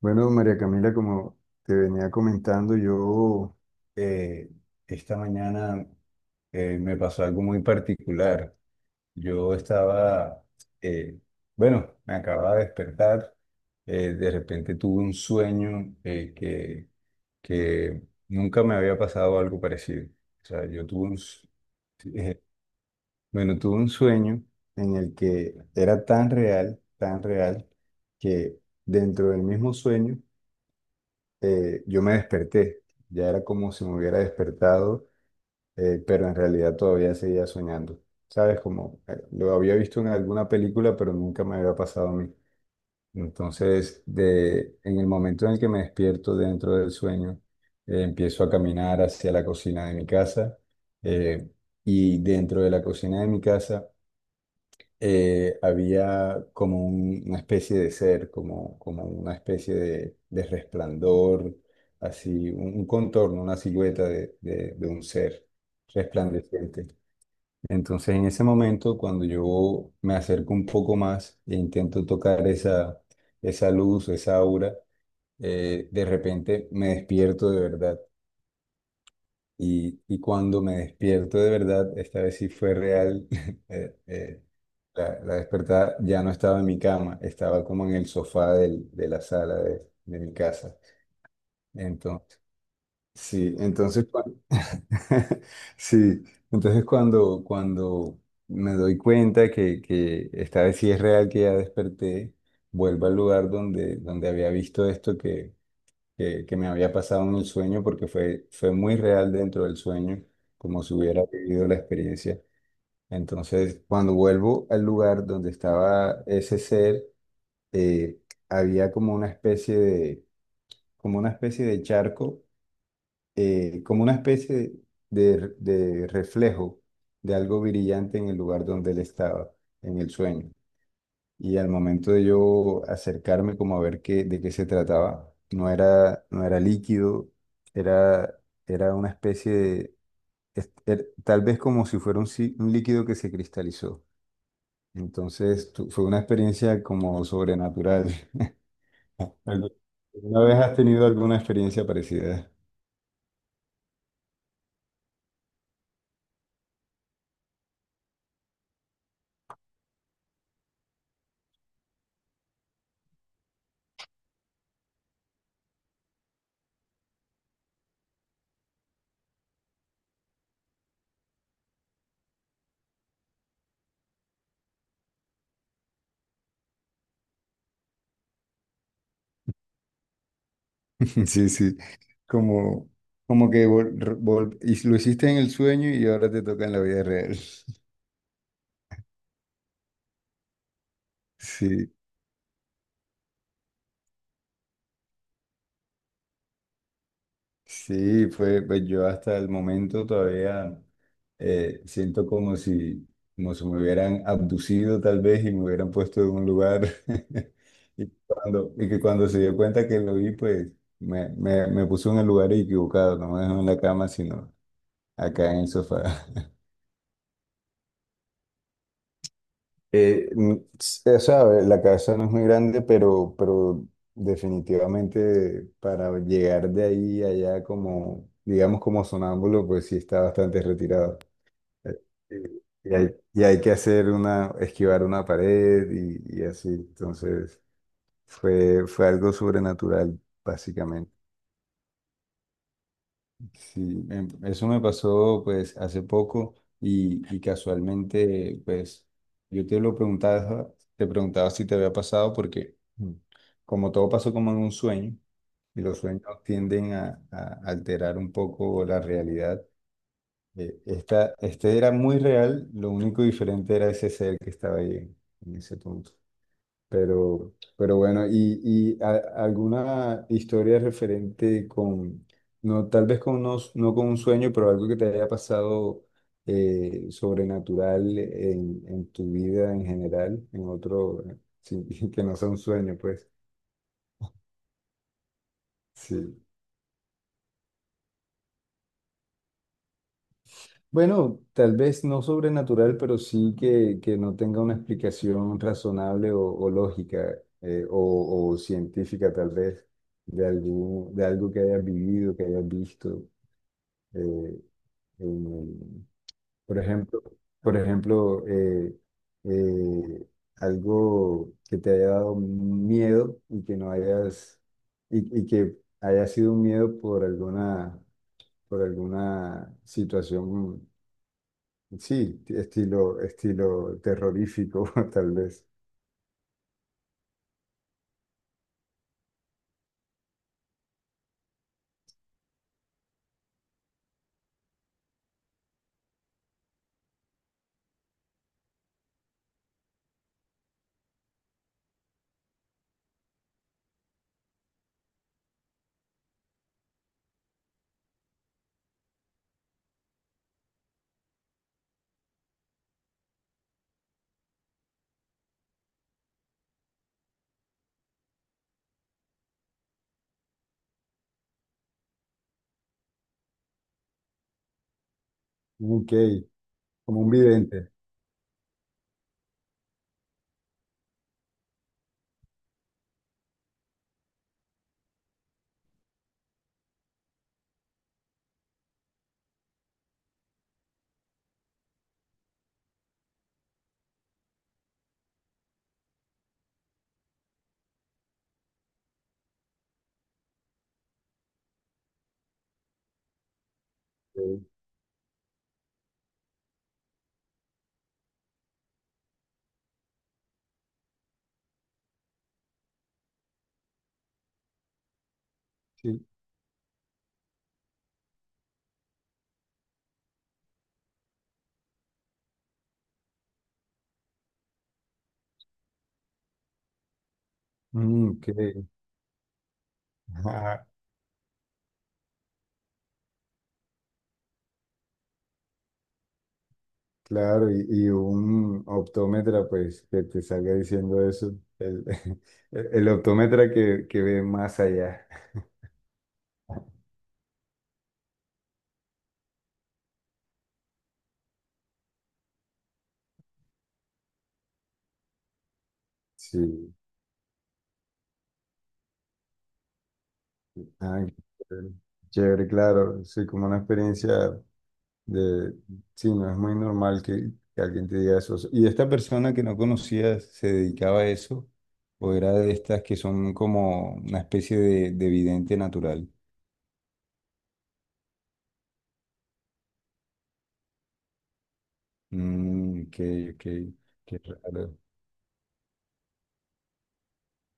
Bueno, María Camila, como te venía comentando, yo eh, esta mañana me pasó algo muy particular. Yo estaba, eh, bueno, me acababa de despertar, de repente tuve un sueño que nunca me había pasado algo parecido. O sea, yo tuve un, s- eh, bueno, tuve un sueño en el que era tan real, que dentro del mismo sueño, yo me desperté, ya era como si me hubiera despertado, pero en realidad todavía seguía soñando, ¿sabes? Como lo había visto en alguna película, pero nunca me había pasado a mí. Entonces, en el momento en el que me despierto dentro del sueño, empiezo a caminar hacia la cocina de mi casa, eh, y dentro de la cocina de mi casa había como una especie de ser, como una especie de resplandor, así, un contorno, una silueta de, de un ser resplandeciente. Entonces, en ese momento, cuando yo me acerco un poco más e intento tocar esa, esa luz, esa aura, de repente me despierto de verdad. Y cuando me despierto de verdad, esta vez sí fue real, eh, eh, la, la despertada ya no estaba en mi cama, estaba como en el sofá de la sala de mi casa. Entonces, sí, entonces, sí, entonces cuando me doy cuenta que esta vez sí es real, que ya desperté, vuelvo al lugar donde había visto esto que me había pasado en el sueño, porque fue, fue muy real dentro del sueño, como si hubiera vivido la experiencia. Entonces, cuando vuelvo al lugar donde estaba ese ser, eh, había como una especie de, como una especie de charco, como una especie de reflejo de algo brillante en el lugar donde él estaba, en el sueño. Y al momento de yo acercarme como a ver qué, de qué se trataba, no era líquido, era, era una especie de, tal vez como si fuera un, si- un líquido que se cristalizó. Entonces fue una experiencia como sobrenatural. ¿Algu- ¿Alguna vez has tenido alguna experiencia parecida? Sí, sí, como, como que y lo hiciste en el sueño y ahora te toca en la vida real. Sí. Sí, fue, pues yo hasta el momento todavía siento como si me hubieran abducido tal vez y me hubieran puesto en un lugar y, cuando, y que cuando se dio cuenta que lo vi, pues me puso en el lugar equivocado, no me dejó en la cama, sino acá en el sofá. O sea, la casa no es muy grande, pero definitivamente para llegar de ahí a allá como, digamos como sonámbulo, pues sí está bastante retirado. eh, Y, y hay que hacer una, esquivar una pared y así. Entonces, fue, fue algo sobrenatural, básicamente. Sí, eso me pasó pues hace poco y casualmente, pues yo te lo preguntaba, te preguntaba si te había pasado porque como todo pasó como en un sueño y los sueños tienden a alterar un poco la realidad. Este era muy real, lo único diferente era ese ser que estaba ahí en ese punto. Pero bueno, y, y a- alguna historia referente con, no, tal vez no con un sueño, pero algo que te haya pasado sobrenatural en tu vida en general, en otro, sí, que no sea un sueño, pues. Sí. Bueno, tal vez no sobrenatural, pero sí que no tenga una explicación razonable o lógica o científica tal vez de, algún, de algo que hayas vivido, que hayas visto. eh, en- por ejemplo, por ejemplo eh, algo que te haya dado miedo y que no hayas, y que haya sido un miedo por alguna situación. Sí, estilo, estilo terrorífico, tal vez. Ok, como un vidente. eh, Sí. Mm, ok, ajá, claro, y un optómetra, pues, que te salga diciendo eso. El, el optómetra que ve más allá. Sí, ah, qué chévere, chévere, claro, sí, como una experiencia de, sí, no es muy normal que alguien te diga eso. ¿Y esta persona que no conocías se dedicaba a eso? ¿O era de estas que son como una especie de vidente natural? Mm, qué raro.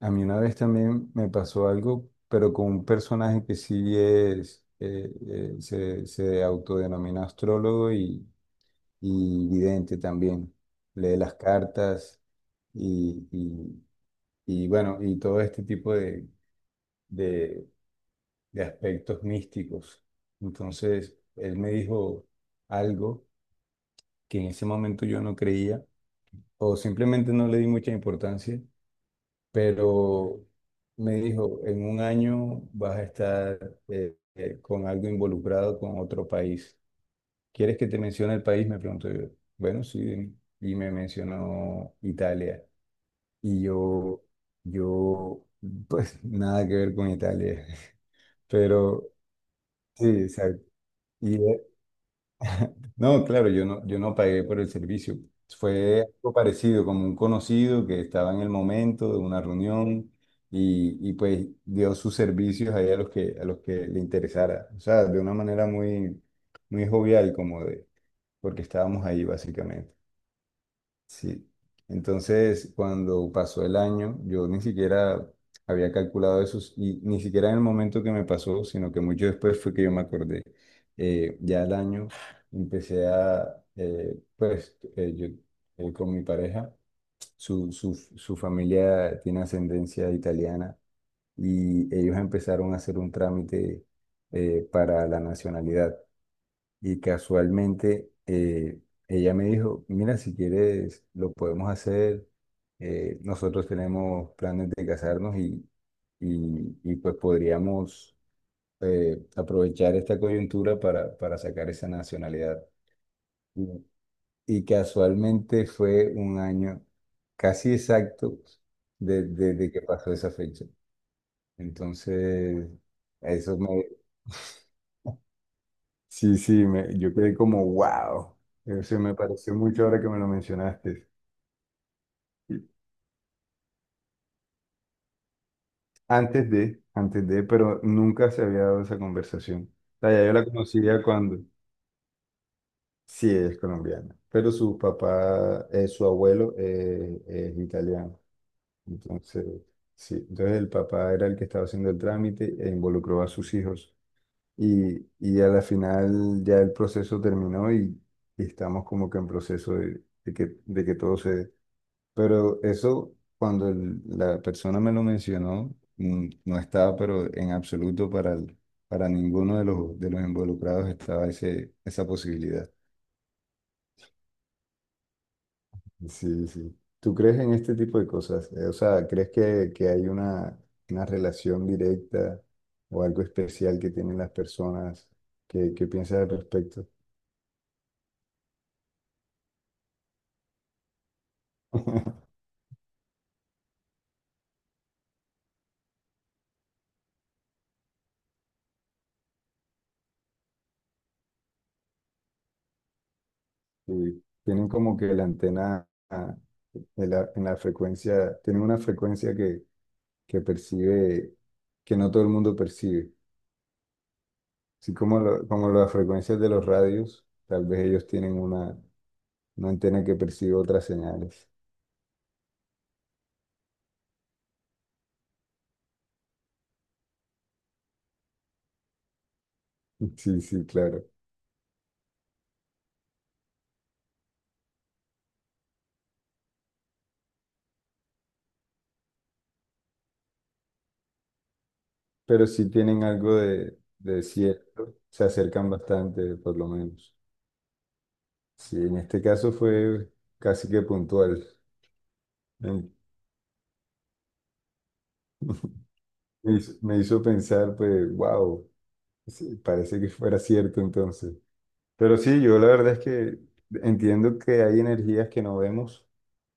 A mí una vez también me pasó algo, pero con un personaje que sí es, se, se autodenomina astrólogo y vidente también. Lee las cartas y, y, y bueno, y todo este tipo de, de aspectos místicos. Entonces, él me dijo algo que en ese momento yo no creía o simplemente no le di mucha importancia, pero me dijo, en un año vas a estar con algo involucrado con otro país. ¿Quieres que te mencione el país? Me preguntó yo. Bueno, sí, dime. Y me mencionó Italia. Y yo, pues nada que ver con Italia, pero sí, exacto. Y no, claro, yo no pagué por el servicio. Fue algo parecido, como un conocido que estaba en el momento de una reunión y pues dio sus servicios ahí a los que le interesara. O sea, de una manera muy, muy jovial, como de, porque estábamos ahí básicamente. Sí. Entonces, cuando pasó el año, yo ni siquiera había calculado eso y ni siquiera en el momento que me pasó, sino que mucho después fue que yo me acordé. Ya el año empecé a, pues, yo con mi pareja, su familia tiene ascendencia italiana y ellos empezaron a hacer un trámite, para la nacionalidad. Y casualmente ella me dijo, mira, si quieres, lo podemos hacer. Nosotros tenemos planes de casarnos y, pues podríamos aprovechar esta coyuntura para sacar esa nacionalidad. Y, y casualmente fue un año casi exacto desde que pasó esa fecha. Entonces, eso me... Sí, sí, yo quedé como wow. Eso me pareció mucho ahora que me lo mencionaste. Y antes de, antes de, pero nunca se había dado esa conversación. O sea, ya yo la conocía cuando, sí, ella es colombiana, pero su papá, su abuelo es italiano. Entonces, sí, entonces el papá era el que estaba haciendo el trámite e involucró a sus hijos. Y a la final ya el proceso terminó y estamos como que en proceso de, de que todo se dé. Pero eso, cuando la persona me lo mencionó, mm, no estaba, pero en absoluto para, para ninguno de los involucrados estaba ese, esa posibilidad. Sí, sí. ¿Tú crees en este tipo de cosas? O sea, ¿crees que hay una relación directa o algo especial que tienen las personas? ¿Qué, qué piensas al respecto? Sí, tienen como que la antena, ah, en la frecuencia, tienen una frecuencia que percibe, que no todo el mundo percibe. Así como, lo- como las frecuencias de los radios, tal vez ellos tienen una antena que percibe otras señales. Sí, sí, claro. Pero sí tienen algo de cierto, se acercan bastante, por lo menos. Sí, en este caso fue casi que puntual. Me me hizo pensar, pues, wow, parece que fuera cierto entonces. Pero sí, yo la verdad es que entiendo que hay energías que no vemos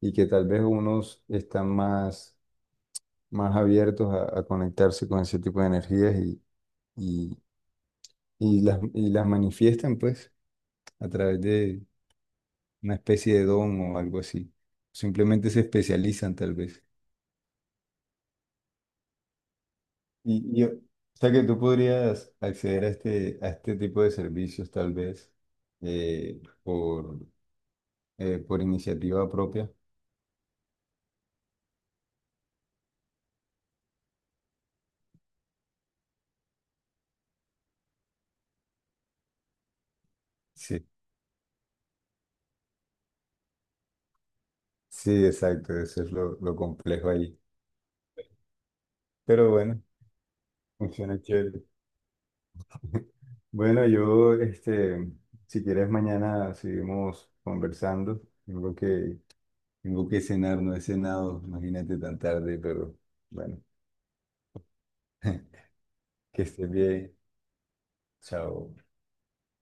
y que tal vez unos están más, más abiertos a conectarse con ese tipo de energías y, y las manifiestan pues a través de una especie de don o algo así. Simplemente se especializan tal vez. Y, o sea que tú podrías acceder a este tipo de servicios tal vez eh, por, por iniciativa propia. Sí, sí, exacto, eso es lo complejo ahí. Pero bueno, funciona chévere. Bueno, yo, este, si quieres mañana seguimos conversando. Tengo que, tengo que cenar, no he cenado, imagínate tan tarde, pero bueno, que estés bien. Chao.